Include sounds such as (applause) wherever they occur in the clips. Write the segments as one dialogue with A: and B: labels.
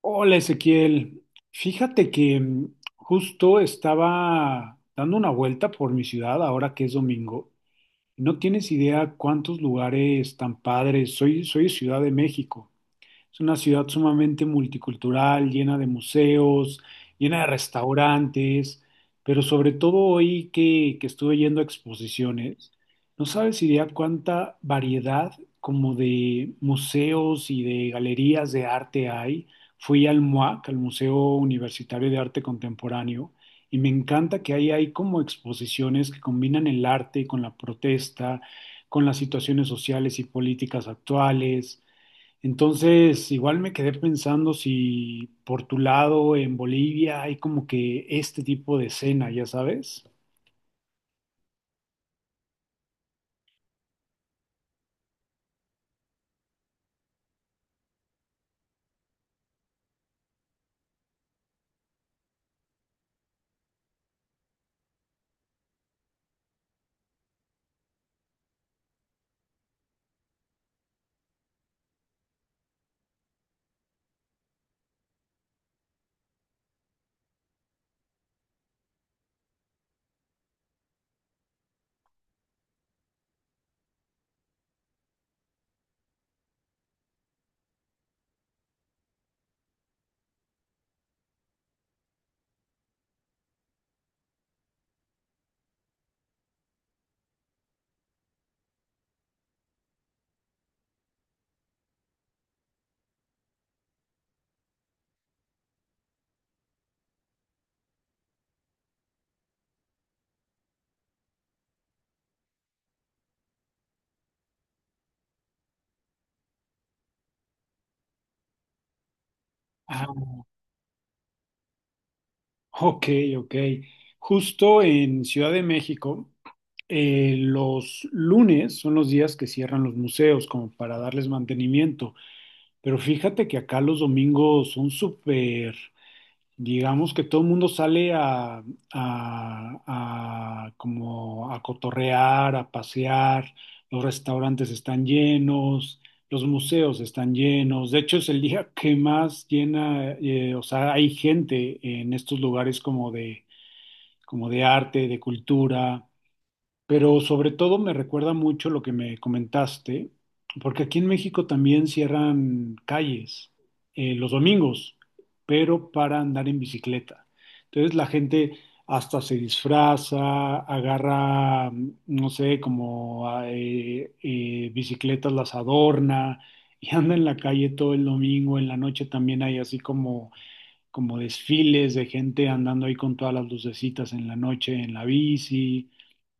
A: Hola Ezequiel, fíjate que justo estaba dando una vuelta por mi ciudad ahora que es domingo. No tienes idea cuántos lugares tan padres. Soy de Ciudad de México, es una ciudad sumamente multicultural, llena de museos, llena de restaurantes, pero sobre todo hoy que estuve yendo a exposiciones. No sabes idea cuánta variedad como de museos y de galerías de arte hay. Fui al MUAC, al Museo Universitario de Arte Contemporáneo, y me encanta que ahí hay como exposiciones que combinan el arte con la protesta, con las situaciones sociales y políticas actuales. Entonces, igual me quedé pensando si por tu lado en Bolivia hay como que este tipo de escena, ya sabes. Ah, ok, ok. Justo en Ciudad de México, los lunes son los días que cierran los museos como para darles mantenimiento, pero fíjate que acá los domingos son súper, digamos que todo el mundo sale a, a como a cotorrear, a pasear, los restaurantes están llenos, los museos están llenos, de hecho es el día que más llena, o sea, hay gente en estos lugares como de arte, de cultura, pero sobre todo me recuerda mucho lo que me comentaste, porque aquí en México también cierran calles los domingos, pero para andar en bicicleta. Entonces la gente hasta se disfraza, agarra, no sé, como bicicletas, las adorna y (laughs) anda en la calle todo el domingo. En la noche también hay así como, como desfiles de gente andando ahí con todas las lucecitas en la noche en la bici.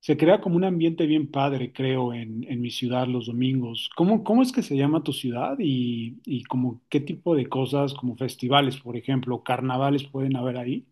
A: Se crea como un ambiente bien padre, creo, en mi ciudad los domingos. ¿Cómo, cómo es que se llama tu ciudad y como qué tipo de cosas, como festivales, por ejemplo, carnavales pueden haber ahí?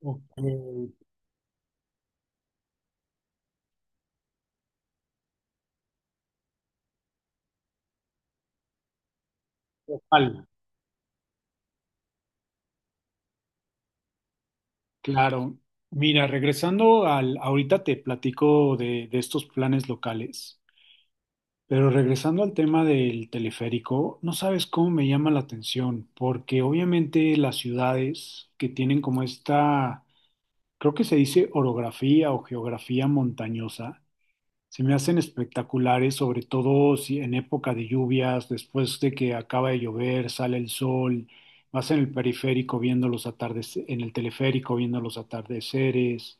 A: Ok, Al, claro. Mira, regresando al, ahorita te platico de estos planes locales, pero regresando al tema del teleférico, no sabes cómo me llama la atención, porque obviamente las ciudades que tienen como esta, creo que se dice orografía o geografía montañosa. Se me hacen espectaculares, sobre todo si en época de lluvias, después de que acaba de llover, sale el sol, vas en el periférico viendo los atardeceres, en el teleférico viendo los atardeceres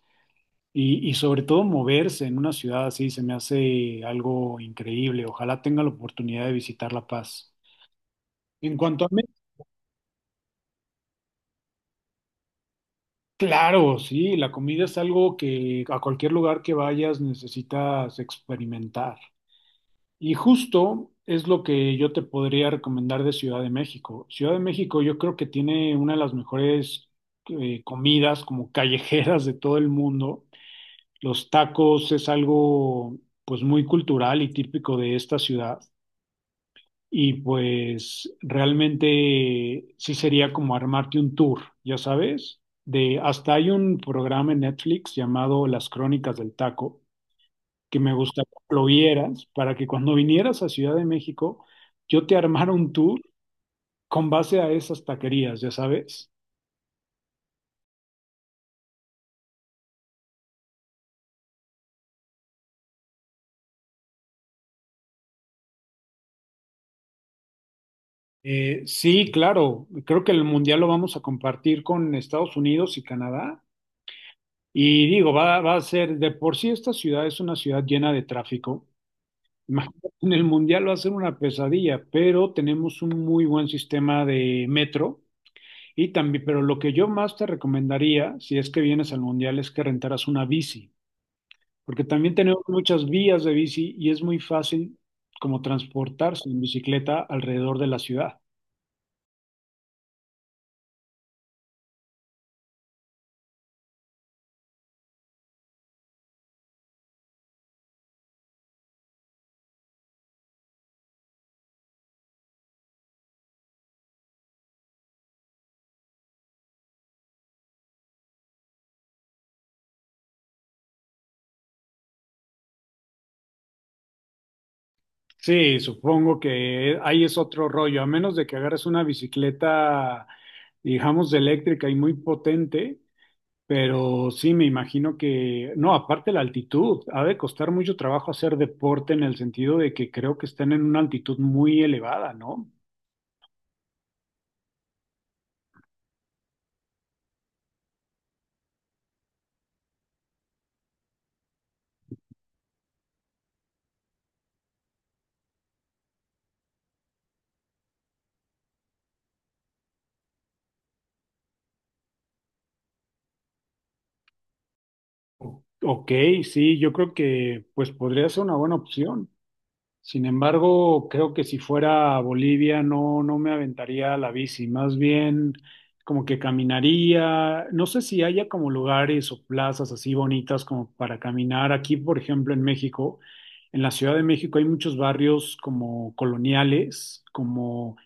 A: y sobre todo moverse en una ciudad así se me hace algo increíble. Ojalá tenga la oportunidad de visitar La Paz. En cuanto a México, claro, sí, la comida es algo que a cualquier lugar que vayas necesitas experimentar. Y justo es lo que yo te podría recomendar de Ciudad de México. Ciudad de México yo creo que tiene una de las mejores comidas como callejeras de todo el mundo. Los tacos es algo pues muy cultural y típico de esta ciudad. Y pues realmente sí sería como armarte un tour, ya sabes. De, hasta hay un programa en Netflix llamado Las Crónicas del Taco que me gustaría que lo vieras para que cuando vinieras a Ciudad de México yo te armara un tour con base a esas taquerías, ya sabes. Sí, claro, creo que el mundial lo vamos a compartir con Estados Unidos y Canadá. Y digo, va a ser, de por sí esta ciudad es una ciudad llena de tráfico. Imagínate, en el mundial va a ser una pesadilla, pero tenemos un muy buen sistema de metro. Y también, pero lo que yo más te recomendaría, si es que vienes al mundial, es que rentaras una bici, porque también tenemos muchas vías de bici y es muy fácil como transportarse en bicicleta alrededor de la ciudad. Sí, supongo que ahí es otro rollo, a menos de que agarres una bicicleta, digamos, de eléctrica y muy potente, pero sí, me imagino que, no, aparte la altitud, ha de costar mucho trabajo hacer deporte en el sentido de que creo que están en una altitud muy elevada, ¿no? O- Ok, sí, yo creo que pues podría ser una buena opción. Sin embargo, creo que si fuera a Bolivia no, no me aventaría a la bici, más bien como que caminaría. No sé si haya como lugares o plazas así bonitas como para caminar. Aquí, por ejemplo, en México, en la Ciudad de México hay muchos barrios como coloniales, como,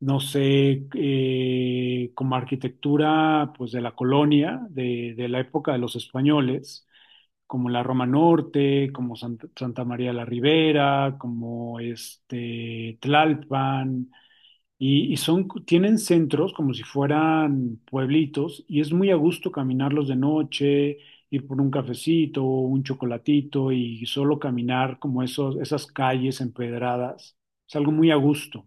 A: no sé, como arquitectura pues de la colonia, de la época de los españoles, como la Roma Norte, como Santa María la Ribera, como este Tlalpan, y son, tienen centros como si fueran pueblitos, y es muy a gusto caminarlos de noche, ir por un cafecito, un chocolatito, y solo caminar como esos, esas calles empedradas. Es algo muy a gusto.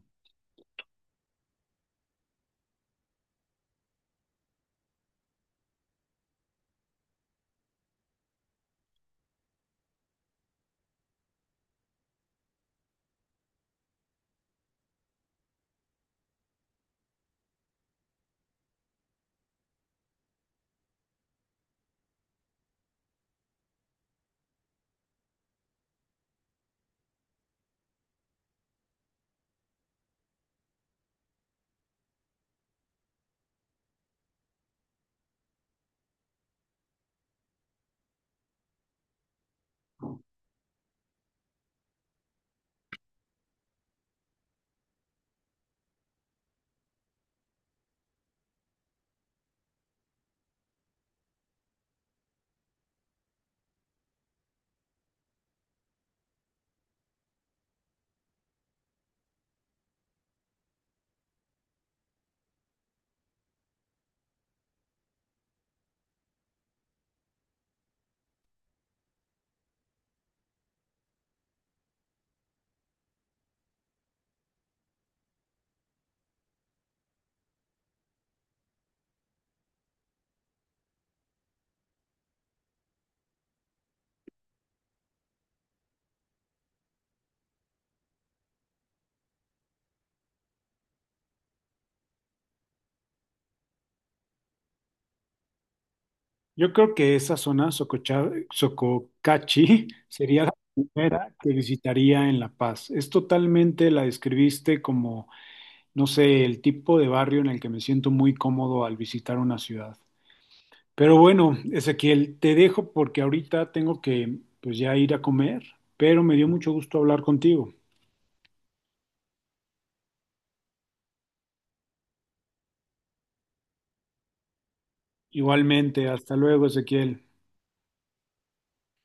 A: Yo creo que esa zona, Sococachi, (laughs) sería la primera que visitaría en La Paz. Es totalmente, la describiste como, no sé, el tipo de barrio en el que me siento muy cómodo al visitar una ciudad. Pero bueno, Ezequiel, te dejo porque ahorita tengo que pues ya ir a comer, pero me dio mucho gusto hablar contigo. Igualmente, hasta luego, Ezequiel.